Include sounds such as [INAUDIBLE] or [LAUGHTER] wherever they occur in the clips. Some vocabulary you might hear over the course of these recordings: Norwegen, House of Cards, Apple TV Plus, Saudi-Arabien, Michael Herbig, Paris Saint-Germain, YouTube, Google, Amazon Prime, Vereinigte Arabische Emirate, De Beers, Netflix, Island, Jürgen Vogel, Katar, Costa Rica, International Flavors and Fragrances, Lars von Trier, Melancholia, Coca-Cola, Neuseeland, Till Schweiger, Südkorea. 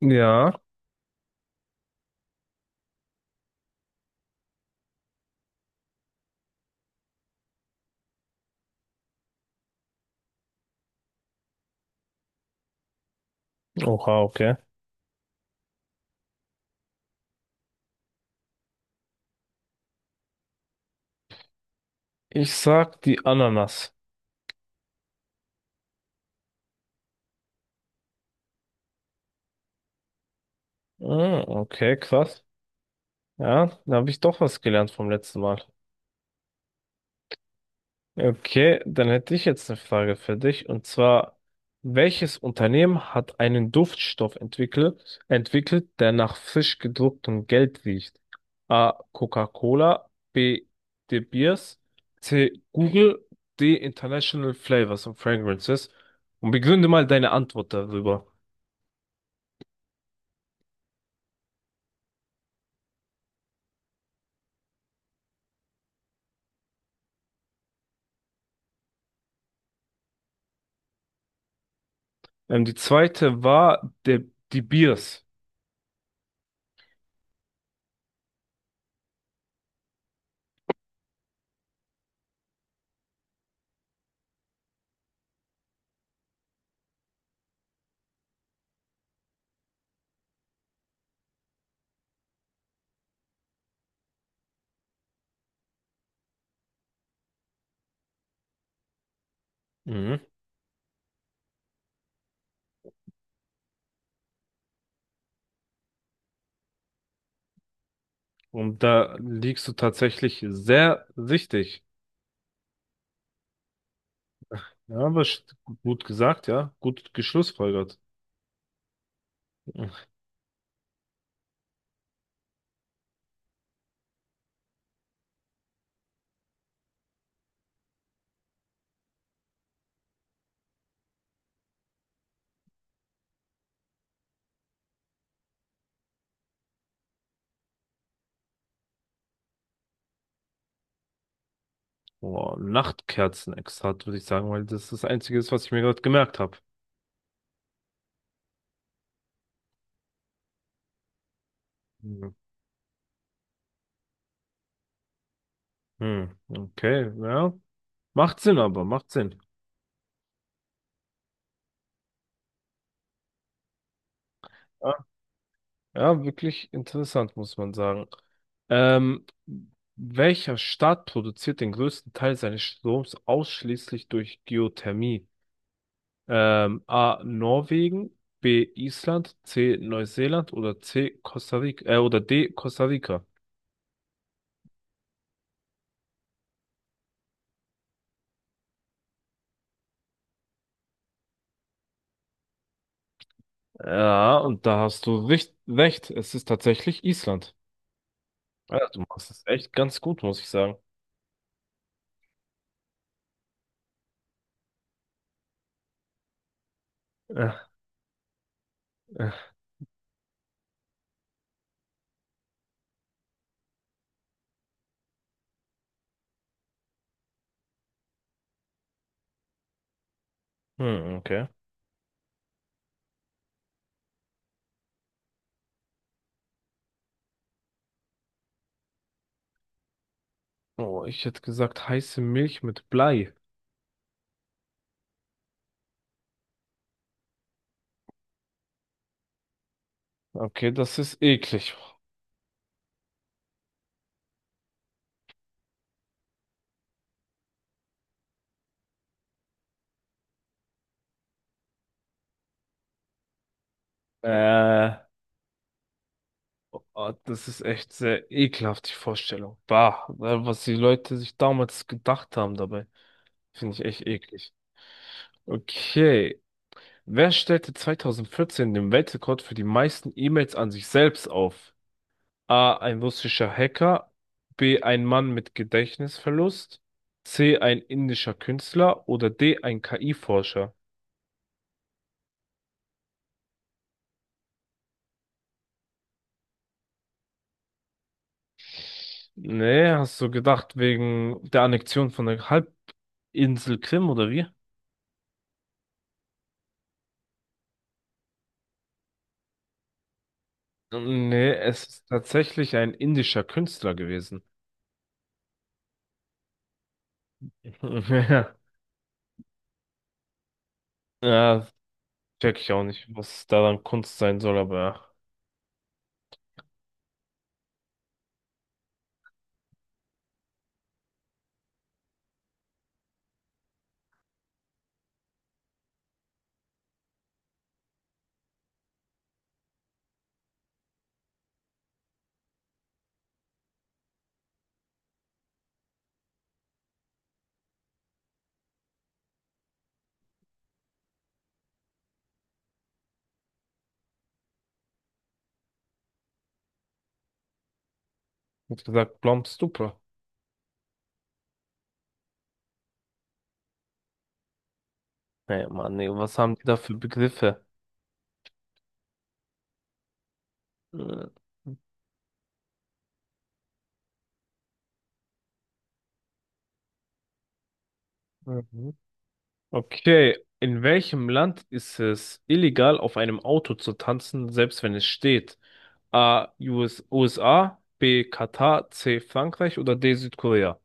Ja, oha, okay. Ich sag die Ananas. Ah, okay, krass. Ja, da habe ich doch was gelernt vom letzten Mal. Okay, dann hätte ich jetzt eine Frage für dich. Und zwar, welches Unternehmen hat einen Duftstoff entwickelt, der nach frisch gedrucktem Geld riecht? A. Coca-Cola, B. De Beers, C. Google, D. International Flavors and Fragrances. Und begründe mal deine Antwort darüber. Die zweite war die Biers. Mhm. Und da liegst du tatsächlich sehr richtig. Ja, aber gut gesagt, ja. Gut geschlussfolgert. Boah, Nachtkerzenextrakt, würde ich sagen, weil das Einzige ist, was ich mir gerade gemerkt habe. Mhm. Hm, okay, ja. Macht Sinn, aber macht Sinn. Ja, ja, wirklich interessant, muss man sagen. Ähm, Welcher Staat produziert den größten Teil seines Stroms ausschließlich durch Geothermie? A. Norwegen, B. Island, C. Neuseeland oder C. Costa Rica, oder D. Costa Rica. Ja, und da hast du recht. Es ist tatsächlich Island. Ja, du machst es echt ganz gut, muss ich sagen. Äh, äh. Hm, okay. Oh, ich hätte gesagt heiße Milch mit Blei. Okay, das ist eklig. Äh, oh, oh, das ist echt sehr ekelhaft, die Vorstellung. Bah, was die Leute sich damals gedacht haben dabei, finde ich echt eklig. Okay, wer stellte 2014 den Weltrekord für die meisten E-Mails an sich selbst auf? A. Ein russischer Hacker. B. Ein Mann mit Gedächtnisverlust. C. Ein indischer Künstler. Oder D. Ein KI-Forscher. Nee, hast du gedacht wegen der Annexion von der Halbinsel Krim oder wie? Nee, es ist tatsächlich ein indischer Künstler gewesen. [LAUGHS] Ja, ja, check ich auch nicht, was daran Kunst sein soll, aber ja. Wie gesagt, Blom Stupor. Ey, Mann, ey, was haben die da für Begriffe? Äh, Mhm. Okay, in welchem Land ist es illegal, auf einem Auto zu tanzen, selbst wenn es steht? A. U. S. USA, B. Katar, C. Frankreich oder D. Südkorea?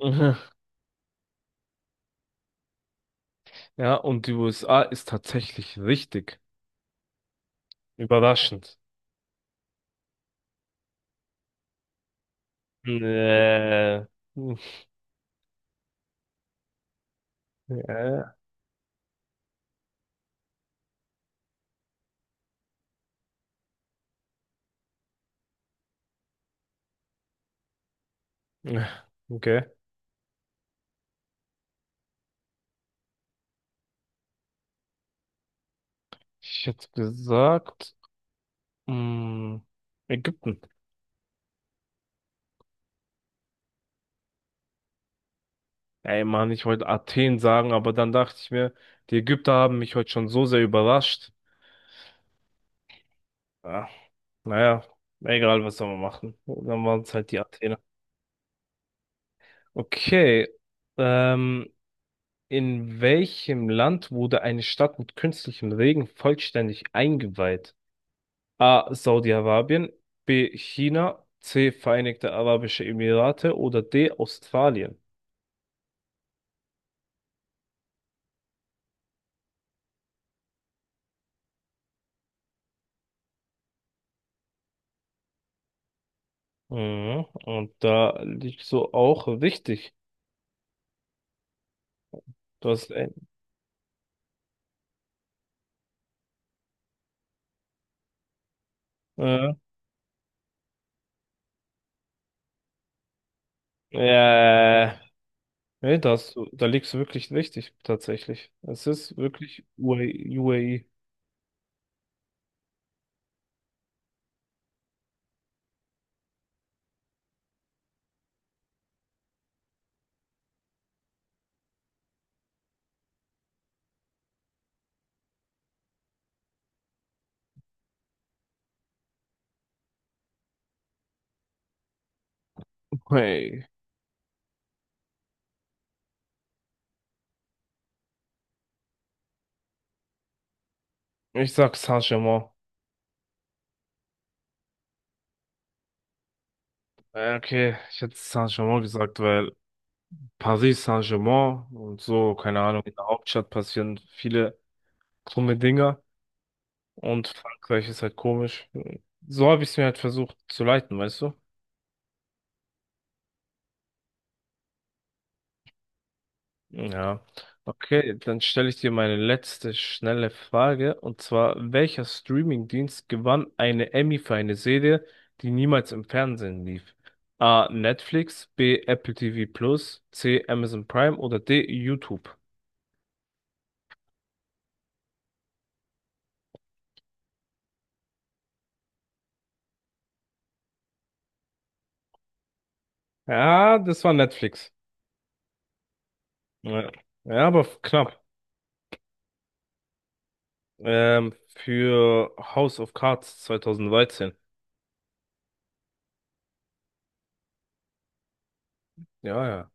Mhm. Ja, und die USA ist tatsächlich richtig. Überraschend. Nee. Hm, ja. Okay. Ich hätte gesagt, mh, Ägypten. Ey Mann, ich wollte Athen sagen, aber dann dachte ich mir, die Ägypter haben mich heute schon so sehr überrascht. Ah, naja, egal, was soll man machen. Dann waren es halt die Athener. Okay, ähm, in welchem Land wurde eine Stadt mit künstlichem Regen vollständig eingeweiht? A. Saudi-Arabien, B. China, C. Vereinigte Arabische Emirate oder D. Australien. Mhm, und da liegst du auch richtig. Du hast ein, äh, Äh, nee, da liegst du wirklich richtig, tatsächlich. Es ist wirklich UAE. UAE. Hey, ich sag Saint-Germain. Okay, ich hätte Saint-Germain gesagt, weil Paris Saint-Germain und so, keine Ahnung, in der Hauptstadt passieren viele krumme Dinger und Frankreich ist halt komisch. So habe ich es mir halt versucht zu leiten, weißt du? Ja, okay, dann stelle ich dir meine letzte schnelle Frage. Und zwar, welcher Streamingdienst gewann eine Emmy für eine Serie, die niemals im Fernsehen lief? A. Netflix, B. Apple TV Plus, C. Amazon Prime oder D. YouTube? Ja, das war Netflix. Ja, ja, aber knapp. Für House of Cards 2013. Ja, ja.